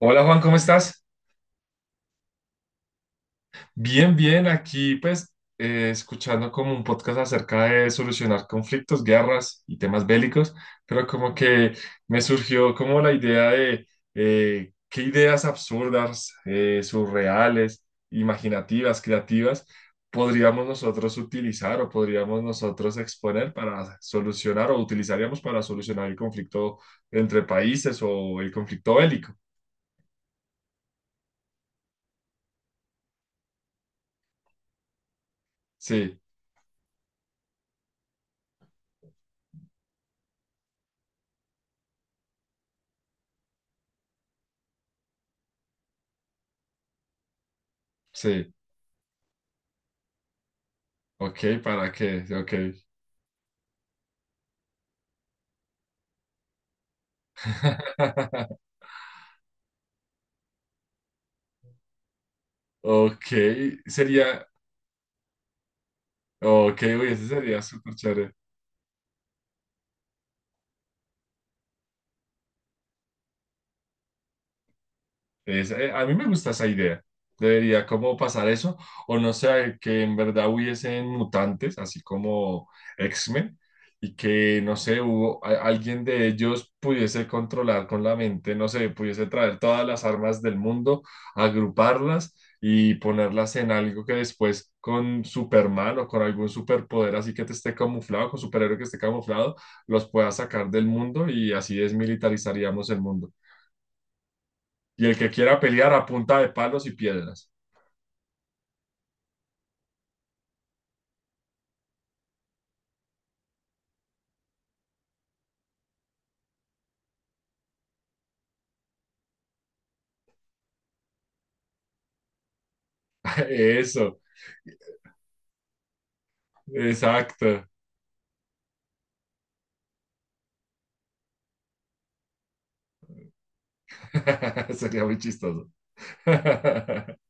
Hola Juan, ¿cómo estás? Bien, bien, aquí pues escuchando como un podcast acerca de solucionar conflictos, guerras y temas bélicos, pero como que me surgió como la idea de qué ideas absurdas, surreales, imaginativas, creativas podríamos nosotros utilizar o podríamos nosotros exponer para solucionar o utilizaríamos para solucionar el conflicto entre países o el conflicto bélico. Sí, sí, ok, para qué, ok. Ok, sería, ok, uy, ese sería súper chévere. A mí me gusta esa idea. Debería como pasar eso, o no sé, que en verdad hubiesen mutantes, así como X-Men, y que, no sé, alguien de ellos pudiese controlar con la mente, no sé, pudiese traer todas las armas del mundo, agruparlas y ponerlas en algo que después con Superman o con algún superpoder así que te esté camuflado, con superhéroe que esté camuflado, los pueda sacar del mundo y así desmilitarizaríamos el mundo. Y el que quiera pelear a punta de palos y piedras. Eso, exacto. Sería muy chistoso.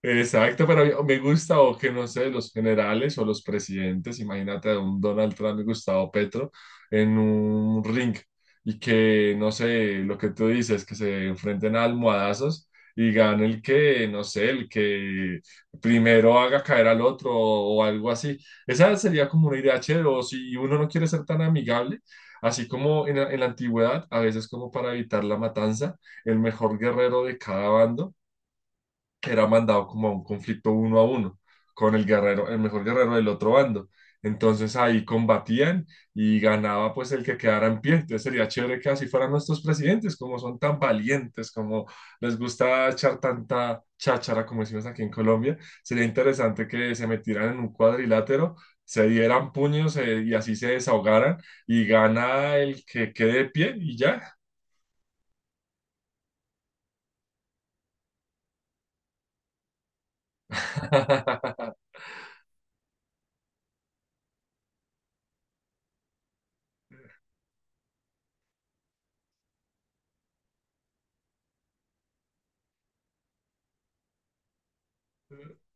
Exacto, pero me gusta o que no sé, los generales o los presidentes, imagínate a un Donald Trump y Gustavo Petro en un ring y que no sé, lo que tú dices, que se enfrenten a almohadazos y gane el que, no sé, el que primero haga caer al otro o algo así. Esa sería como una idea chévere, o si uno no quiere ser tan amigable, así como en la antigüedad, a veces como para evitar la matanza, el mejor guerrero de cada bando que era mandado como a un conflicto uno a uno con el guerrero, el mejor guerrero del otro bando. Entonces ahí combatían y ganaba pues el que quedara en pie. Entonces sería chévere que así fueran nuestros presidentes, como son tan valientes, como les gusta echar tanta cháchara, como decimos aquí en Colombia. Sería interesante que se metieran en un cuadrilátero, se dieran puños y así se desahogaran y gana el que quede de pie y ya.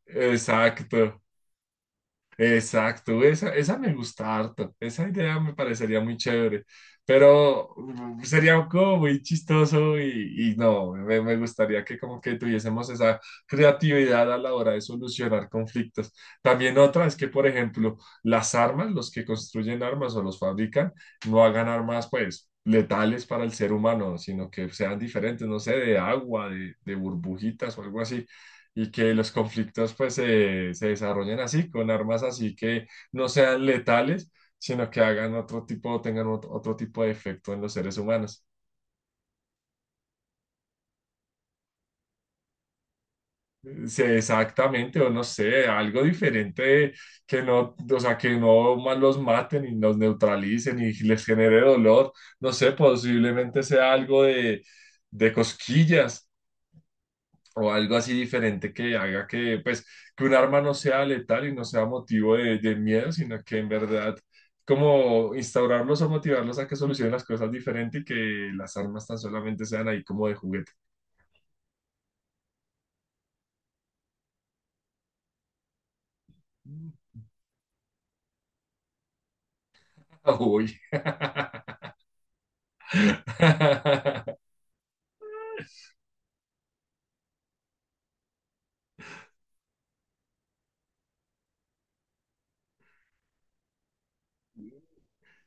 Exacto. Exacto, esa me gusta harto, esa idea me parecería muy chévere, pero sería como muy chistoso y no, me gustaría que como que tuviésemos esa creatividad a la hora de solucionar conflictos. También otra es que, por ejemplo, las armas, los que construyen armas o los fabrican, no hagan armas pues letales para el ser humano, sino que sean diferentes, no sé, de agua, de burbujitas o algo así y que los conflictos pues se desarrollen así, con armas así que no sean letales, sino que hagan otro tipo, tengan otro, otro tipo de efecto en los seres humanos. Sí, exactamente, o no sé, algo diferente que no, o sea, que no más los maten y los neutralicen y les genere dolor, no sé, posiblemente sea algo de cosquillas o algo así diferente que haga que, pues, que un arma no sea letal y no sea motivo de miedo, sino que en verdad, como instaurarlos o motivarlos a que solucionen las cosas diferente y que las armas tan solamente sean ahí como de juguete. Uy.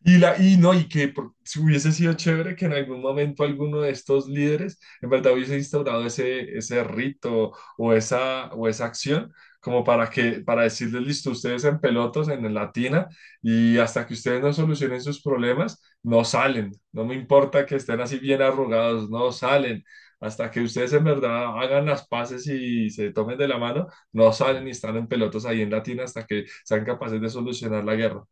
Y, la, y no, y que por- si hubiese sido chévere que en algún momento alguno de estos líderes en verdad hubiese instaurado ese, ese rito o esa acción como para que, para decirles, listo, ustedes en pelotos, en la tina, y hasta que ustedes no solucionen sus problemas, no salen. No me importa que estén así bien arrugados, no salen. Hasta que ustedes en verdad hagan las paces y se tomen de la mano, no salen y están en pelotos ahí en la tina hasta que sean capaces de solucionar la guerra.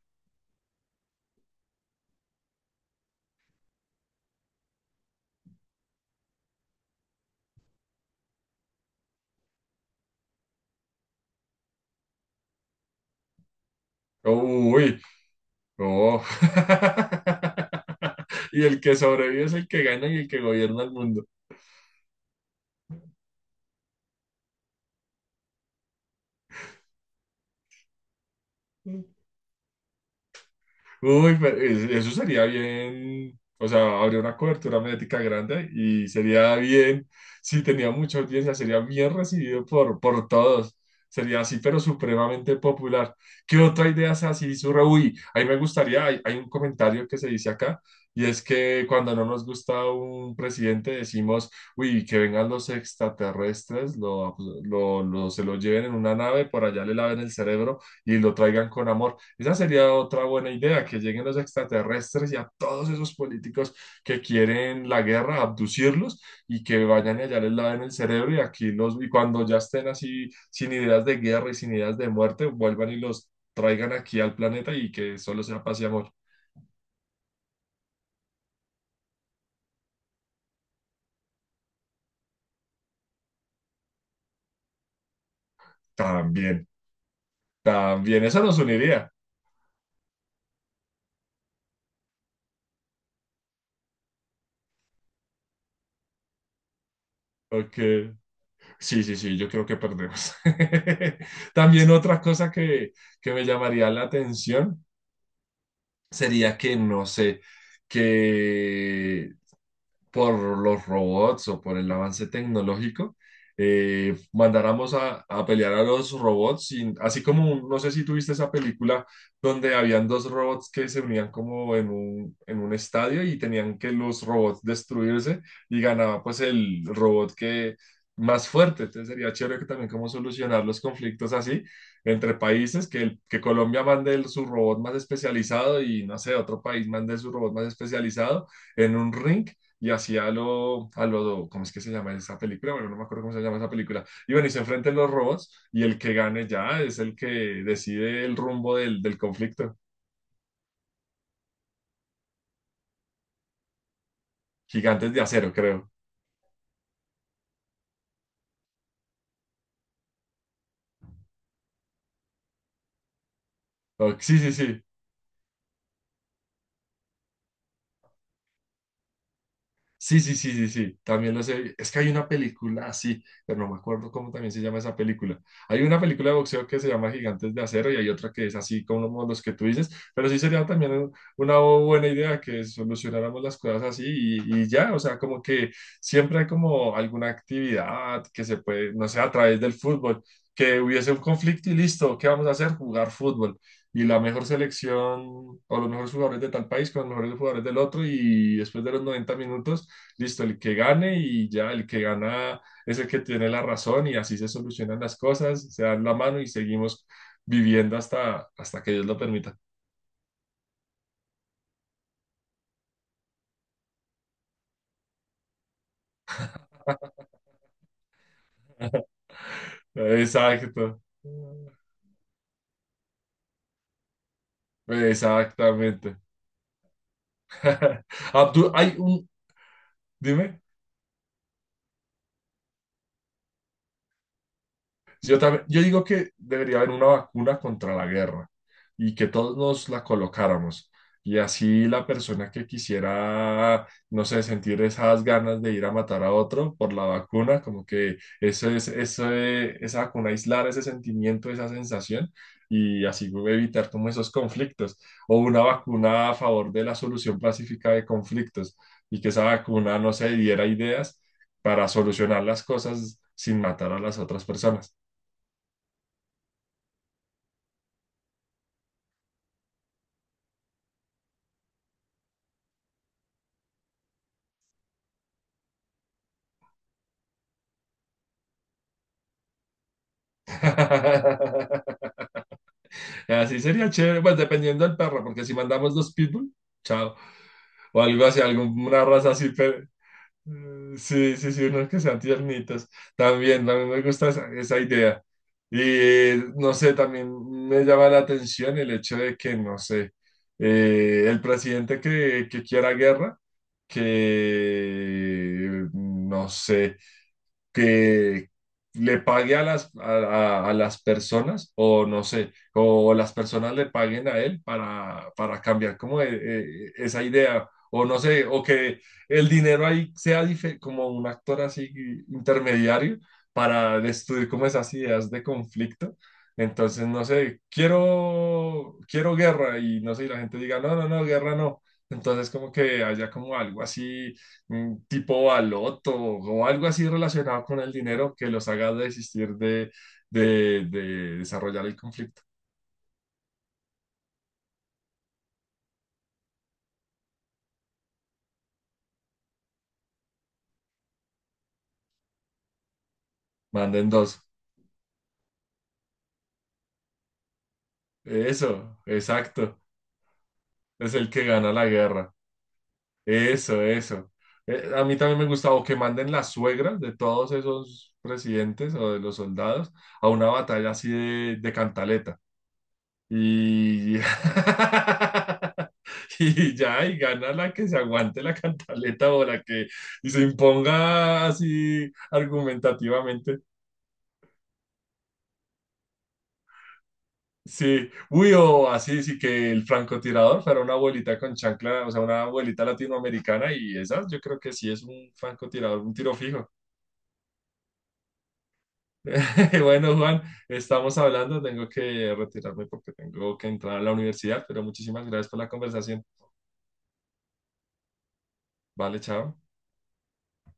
Uy, oh. Y el que sobrevive es el que gana y el que gobierna el mundo. Uy, pero es- eso sería bien, o sea, habría una cobertura mediática grande y sería bien, si tenía mucha audiencia, sería bien recibido por todos. Sería así, pero supremamente popular. ¿Qué otra idea es así? Surre, uy, ahí me gustaría, hay un comentario que se dice acá, y es que cuando no nos gusta un presidente decimos, uy, que vengan los extraterrestres, se lo lleven en una nave, por allá le laven el cerebro y lo traigan con amor. Esa sería otra buena idea, que lleguen los extraterrestres y a todos esos políticos que quieren la guerra, abducirlos y que vayan y allá les laven el cerebro y aquí los, y cuando ya estén así sin ideas de guerra y sin ideas de muerte, vuelvan y los traigan aquí al planeta y que solo sea paz y amor. También, también, eso nos uniría. Ok. Sí, sí, sí, yo creo que perdemos. También otra cosa que me llamaría la atención sería que, no sé, que por los robots o por el avance tecnológico, mandáramos a pelear a los robots, sin- así como, un- no sé si tuviste esa película donde habían dos robots que se unían como en un estadio y tenían que los robots destruirse y ganaba pues el robot que más fuerte, entonces sería chévere que también como solucionar los conflictos así entre países, que, el- que Colombia mande el- su robot más especializado y no sé, otro país mande su robot más especializado en un ring y hacía lo, a lo, ¿cómo es que se llama esa película? Bueno, no me acuerdo cómo se llama esa película. Y bueno, y se enfrentan los robots y el que gane ya es el que decide el rumbo del, del conflicto. Gigantes de Acero, creo. O- sí, sí, sí. Sí, sí, sí, sí, sí, también lo sé. Es que hay una película así, pero no me acuerdo cómo también se llama esa película. Hay una película de boxeo que se llama Gigantes de Acero y hay otra que es así como los que tú dices, pero sí sería también un- una buena idea que solucionáramos las cosas así y ya, o sea, como que siempre hay como alguna actividad que se puede, no sé, a través del fútbol, que hubiese un conflicto y listo, ¿qué vamos a hacer? Jugar fútbol. Y la mejor selección o los mejores jugadores de tal país con los mejores jugadores del otro y después de los 90 minutos listo, el que gane y ya el que gana es el que tiene la razón y así se solucionan las cosas, se dan la mano y seguimos viviendo hasta, hasta que Dios lo permita. Exacto. Exactamente. Abdul, hay un, dime. Sí, yo también, yo digo que debería haber una vacuna contra la guerra y que todos nos la colocáramos. Y así la persona que quisiera, no sé, sentir esas ganas de ir a matar a otro por la vacuna, como que eso es- esa vacuna aislar ese sentimiento, esa sensación y así evitar como esos conflictos. O una vacuna a favor de la solución pacífica de conflictos y que esa vacuna, no se diera ideas para solucionar las cosas sin matar a las otras personas. Así sería chévere, pues dependiendo del perro, porque si mandamos dos pitbull, chao, o algo así, alguna raza así, pero sí, sí, sí, unos que sean tiernitos. También, a mí me gusta esa, esa idea. Y no sé, también me llama la atención el hecho de que, no sé, el presidente que quiera guerra, que, no sé, que le pague a las personas o no sé, o las personas le paguen a él para cambiar como esa idea o no sé, o que el dinero ahí sea dife- como un actor así intermediario para destruir como esas ideas de conflicto. Entonces, no sé, quiero, quiero guerra y no sé, y la gente diga, no, no, no, guerra no. Entonces, como que haya como algo así tipo baloto o algo así relacionado con el dinero que los haga desistir de desarrollar el conflicto. Manden dos. Eso, exacto. Es el que gana la guerra. Eso, eso. A mí también me gusta o que manden las suegras de todos esos presidentes o de los soldados a una batalla así de cantaleta. Y, y ya, y gana la que se aguante la cantaleta o la que se imponga así argumentativamente. Sí, uy, o así, sí que el francotirador fuera una abuelita con chancla, o sea, una abuelita latinoamericana y esas yo creo que sí es un francotirador, un tiro fijo. Bueno, Juan, estamos hablando, tengo que retirarme porque tengo que entrar a la universidad, pero muchísimas gracias por la conversación. Vale, chao.